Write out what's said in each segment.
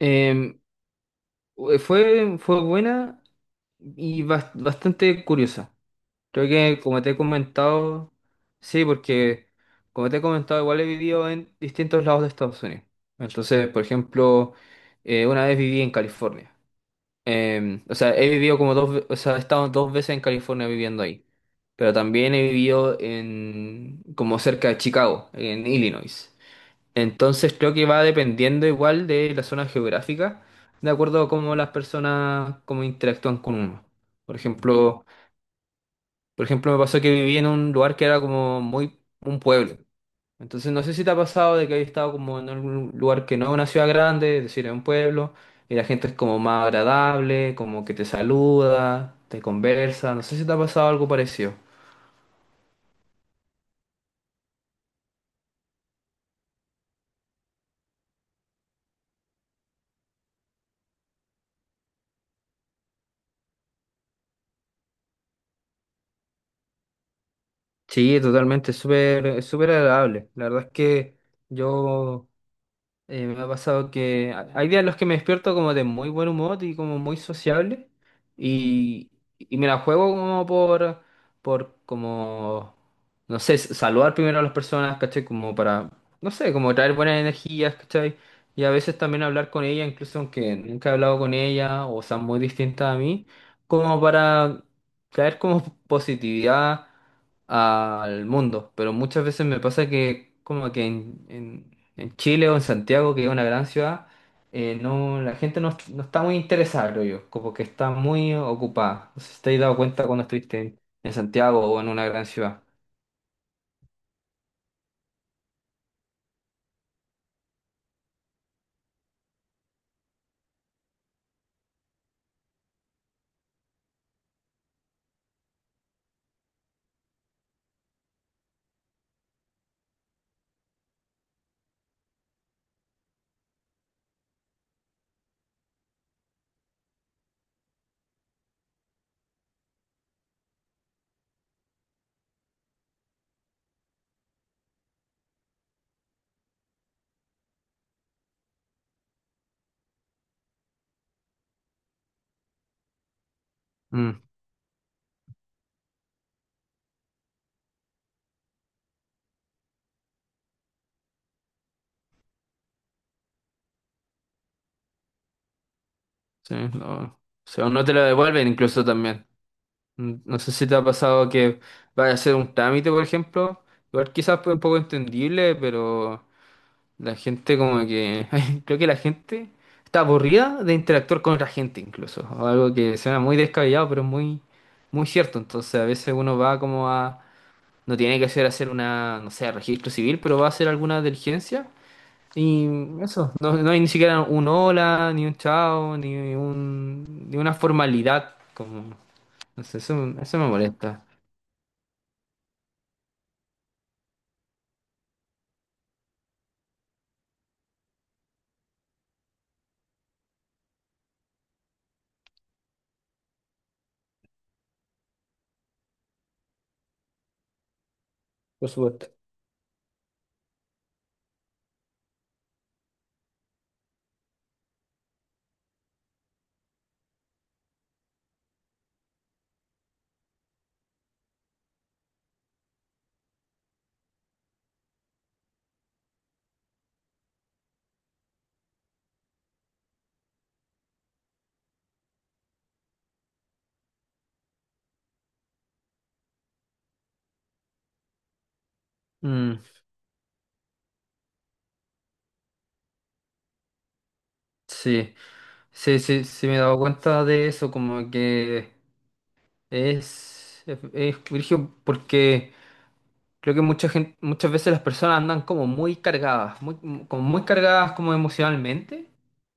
Em, fue buena y bastante curiosa. Creo que como te he comentado, sí, porque como te he comentado, igual he vivido en distintos lados de Estados Unidos. Entonces, por ejemplo, una vez viví en California. O sea, he vivido como o sea, he estado dos veces en California viviendo ahí. Pero también he vivido en como cerca de Chicago, en Illinois. Entonces creo que va dependiendo igual de la zona geográfica, de acuerdo a cómo las personas como interactúan con uno. Por ejemplo, por ejemplo, me pasó que viví en un lugar que era como muy un pueblo. Entonces no sé si te ha pasado de que hayas estado como en algún lugar que no es una ciudad grande, es decir, es un pueblo, y la gente es como más agradable, como que te saluda, te conversa. No sé si te ha pasado algo parecido. Sí, totalmente, es súper agradable. La verdad es que yo me ha pasado que hay días en los que me despierto como de muy buen humor y como muy sociable y, y me la juego como por, no sé, saludar primero a las personas, ¿cachai? Como para, no sé, como traer buenas energías, ¿cachai? Y a veces también hablar con ella, incluso aunque nunca he hablado con ella o sean muy distintas a mí, como para traer como positividad al mundo. Pero muchas veces me pasa que como que en Chile o en Santiago, que es una gran ciudad, no, la gente no, no está muy interesada, creo yo, como que está muy ocupada. No sé si te has dado cuenta cuando estuviste en Santiago o en una gran ciudad. Mm, sí, o sea, o no te lo devuelven incluso también. Mm, no sé si te ha pasado que vayas a hacer un trámite, por ejemplo. Igual quizás fue un poco entendible, pero la gente como que... Creo que la gente está aburrida de interactuar con otra gente incluso. Algo que suena muy descabellado, pero es muy, muy cierto. Entonces a veces uno va como a... No tiene que hacer una, no sé, registro civil, pero va a hacer alguna diligencia. Y eso, no, no hay ni siquiera un hola, ni un chao, ni una formalidad. Como, no sé, eso me molesta. Por supuesto. Mm, sí, sí, sí, sí me he dado cuenta de eso, como que... Es brígido porque creo que mucha gente, muchas veces las personas andan como muy cargadas, muy, como muy cargadas como emocionalmente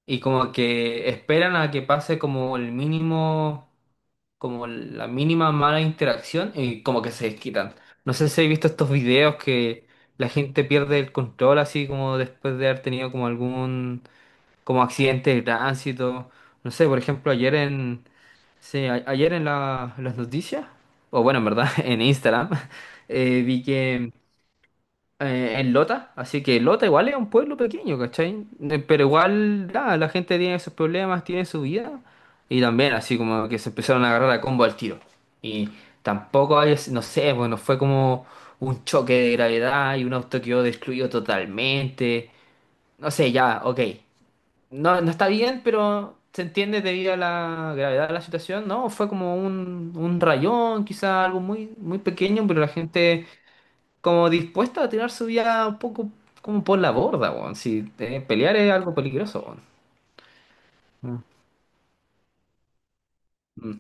y como que esperan a que pase como el mínimo, como la mínima mala interacción y como que se desquitan. No sé si habéis visto estos videos que la gente pierde el control así como después de haber tenido como algún como accidente de tránsito. No sé, por ejemplo, ayer en sí, ayer en las noticias, o bueno, en verdad, en Instagram, vi que en Lota, así que Lota igual es un pueblo pequeño, ¿cachai? Pero igual, nada, la gente tiene sus problemas, tiene su vida, y también así como que se empezaron a agarrar a combo al tiro. Y tampoco hay, no sé, bueno, fue como un choque de gravedad y un auto quedó destruido totalmente. No sé, ya, ok. No, no está bien, pero se entiende debido a la gravedad de la situación, ¿no? Fue como un rayón, quizá algo muy, muy pequeño, pero la gente como dispuesta a tirar su vida un poco como por la borda, weón. Si pelear es algo peligroso, weón. Mm, mm,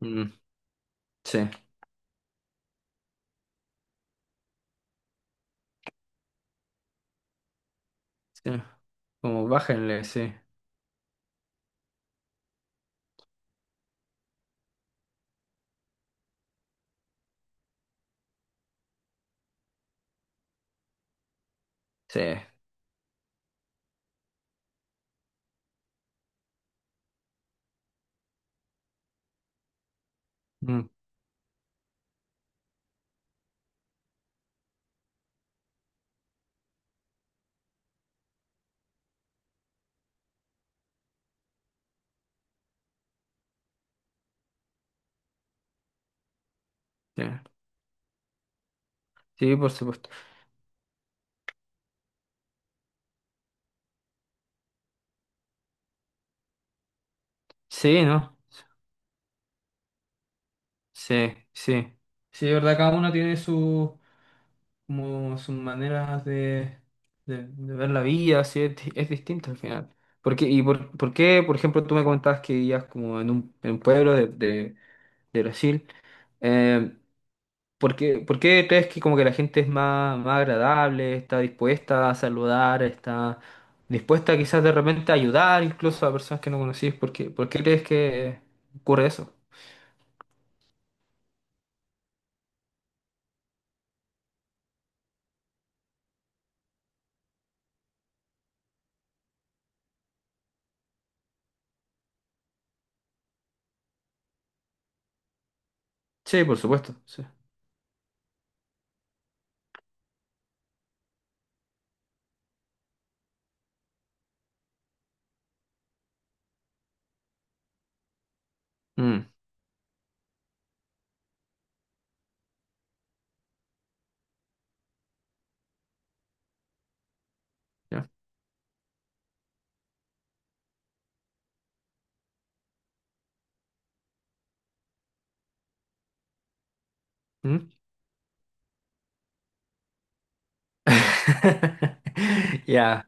mm, sí, sí. Como bájenle, sí. Sí. Mm, sí. Sí, por supuesto. Sí, ¿no? Sí, sí. Sí, de verdad, cada uno tiene su como sus maneras de, de ver la vida, así es, es distinta al final. Porque y por ejemplo, tú me comentabas que vivías como en un pueblo de Brasil? Eh, ¿por qué crees que como que la gente es más, más agradable, está dispuesta a saludar, está dispuesta quizás de repente a ayudar incluso a personas que no conocís? ¿Por qué crees que ocurre eso? Sí, por supuesto, sí. Mm, ya. Mm. Ya.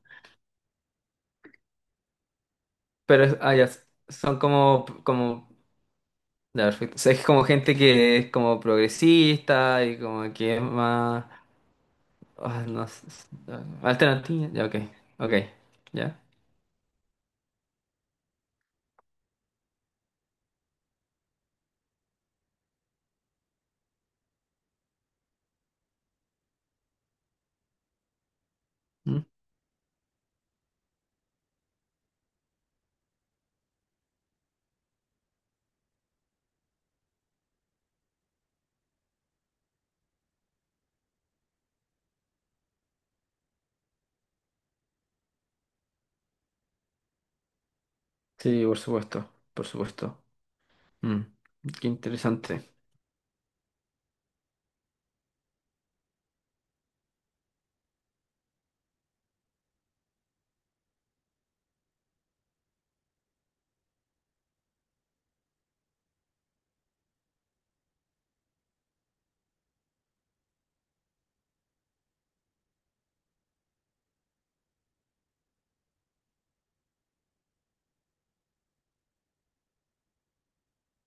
Pero, ah, ya, son como, ya, perfecto. O sea, es como gente que es como progresista y como que es más, ah, no sé, ah, alternativa, ya, ok, ok, ya. Mm. Sí, por supuesto, por supuesto. Mm, qué interesante.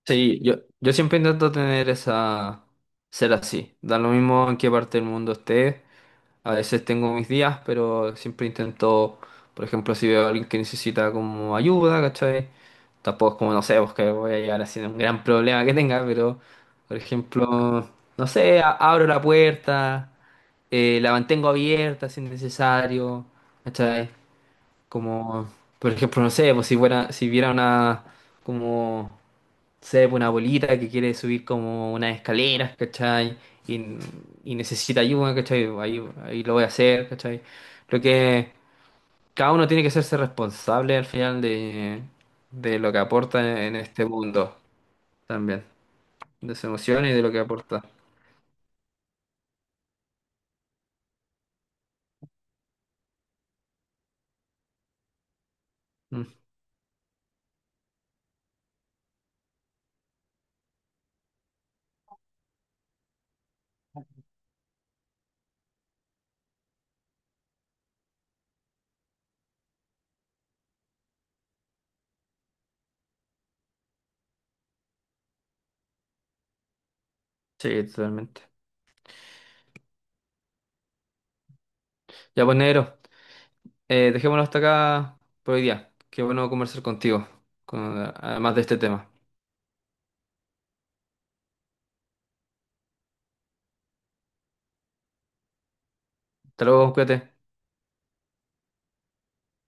Sí, yo siempre intento tener esa, ser así, da lo mismo en qué parte del mundo esté. A veces tengo mis días, pero siempre intento, por ejemplo, si veo a alguien que necesita como ayuda, ¿cachai? Tampoco es como, no sé, pues que voy a llegar haciendo un gran problema que tenga, pero, por ejemplo, no sé, abro la puerta, la mantengo abierta si es necesario, ¿cachai? Como, por ejemplo, no sé, pues si fuera, si viera una, como se ve una abuelita que quiere subir como unas escaleras, ¿cachai? Y, y necesita ayuda, ¿cachai? Ahí, ahí lo voy a hacer, ¿cachai? Lo que cada uno tiene que hacerse responsable al final de lo que aporta en este mundo también, de sus emociones y de lo que aporta. Mm, sí, totalmente. Ya pues, negro, dejémoslo hasta acá por hoy día. Qué bueno conversar contigo, con- además de este tema. Hasta luego, cuídate.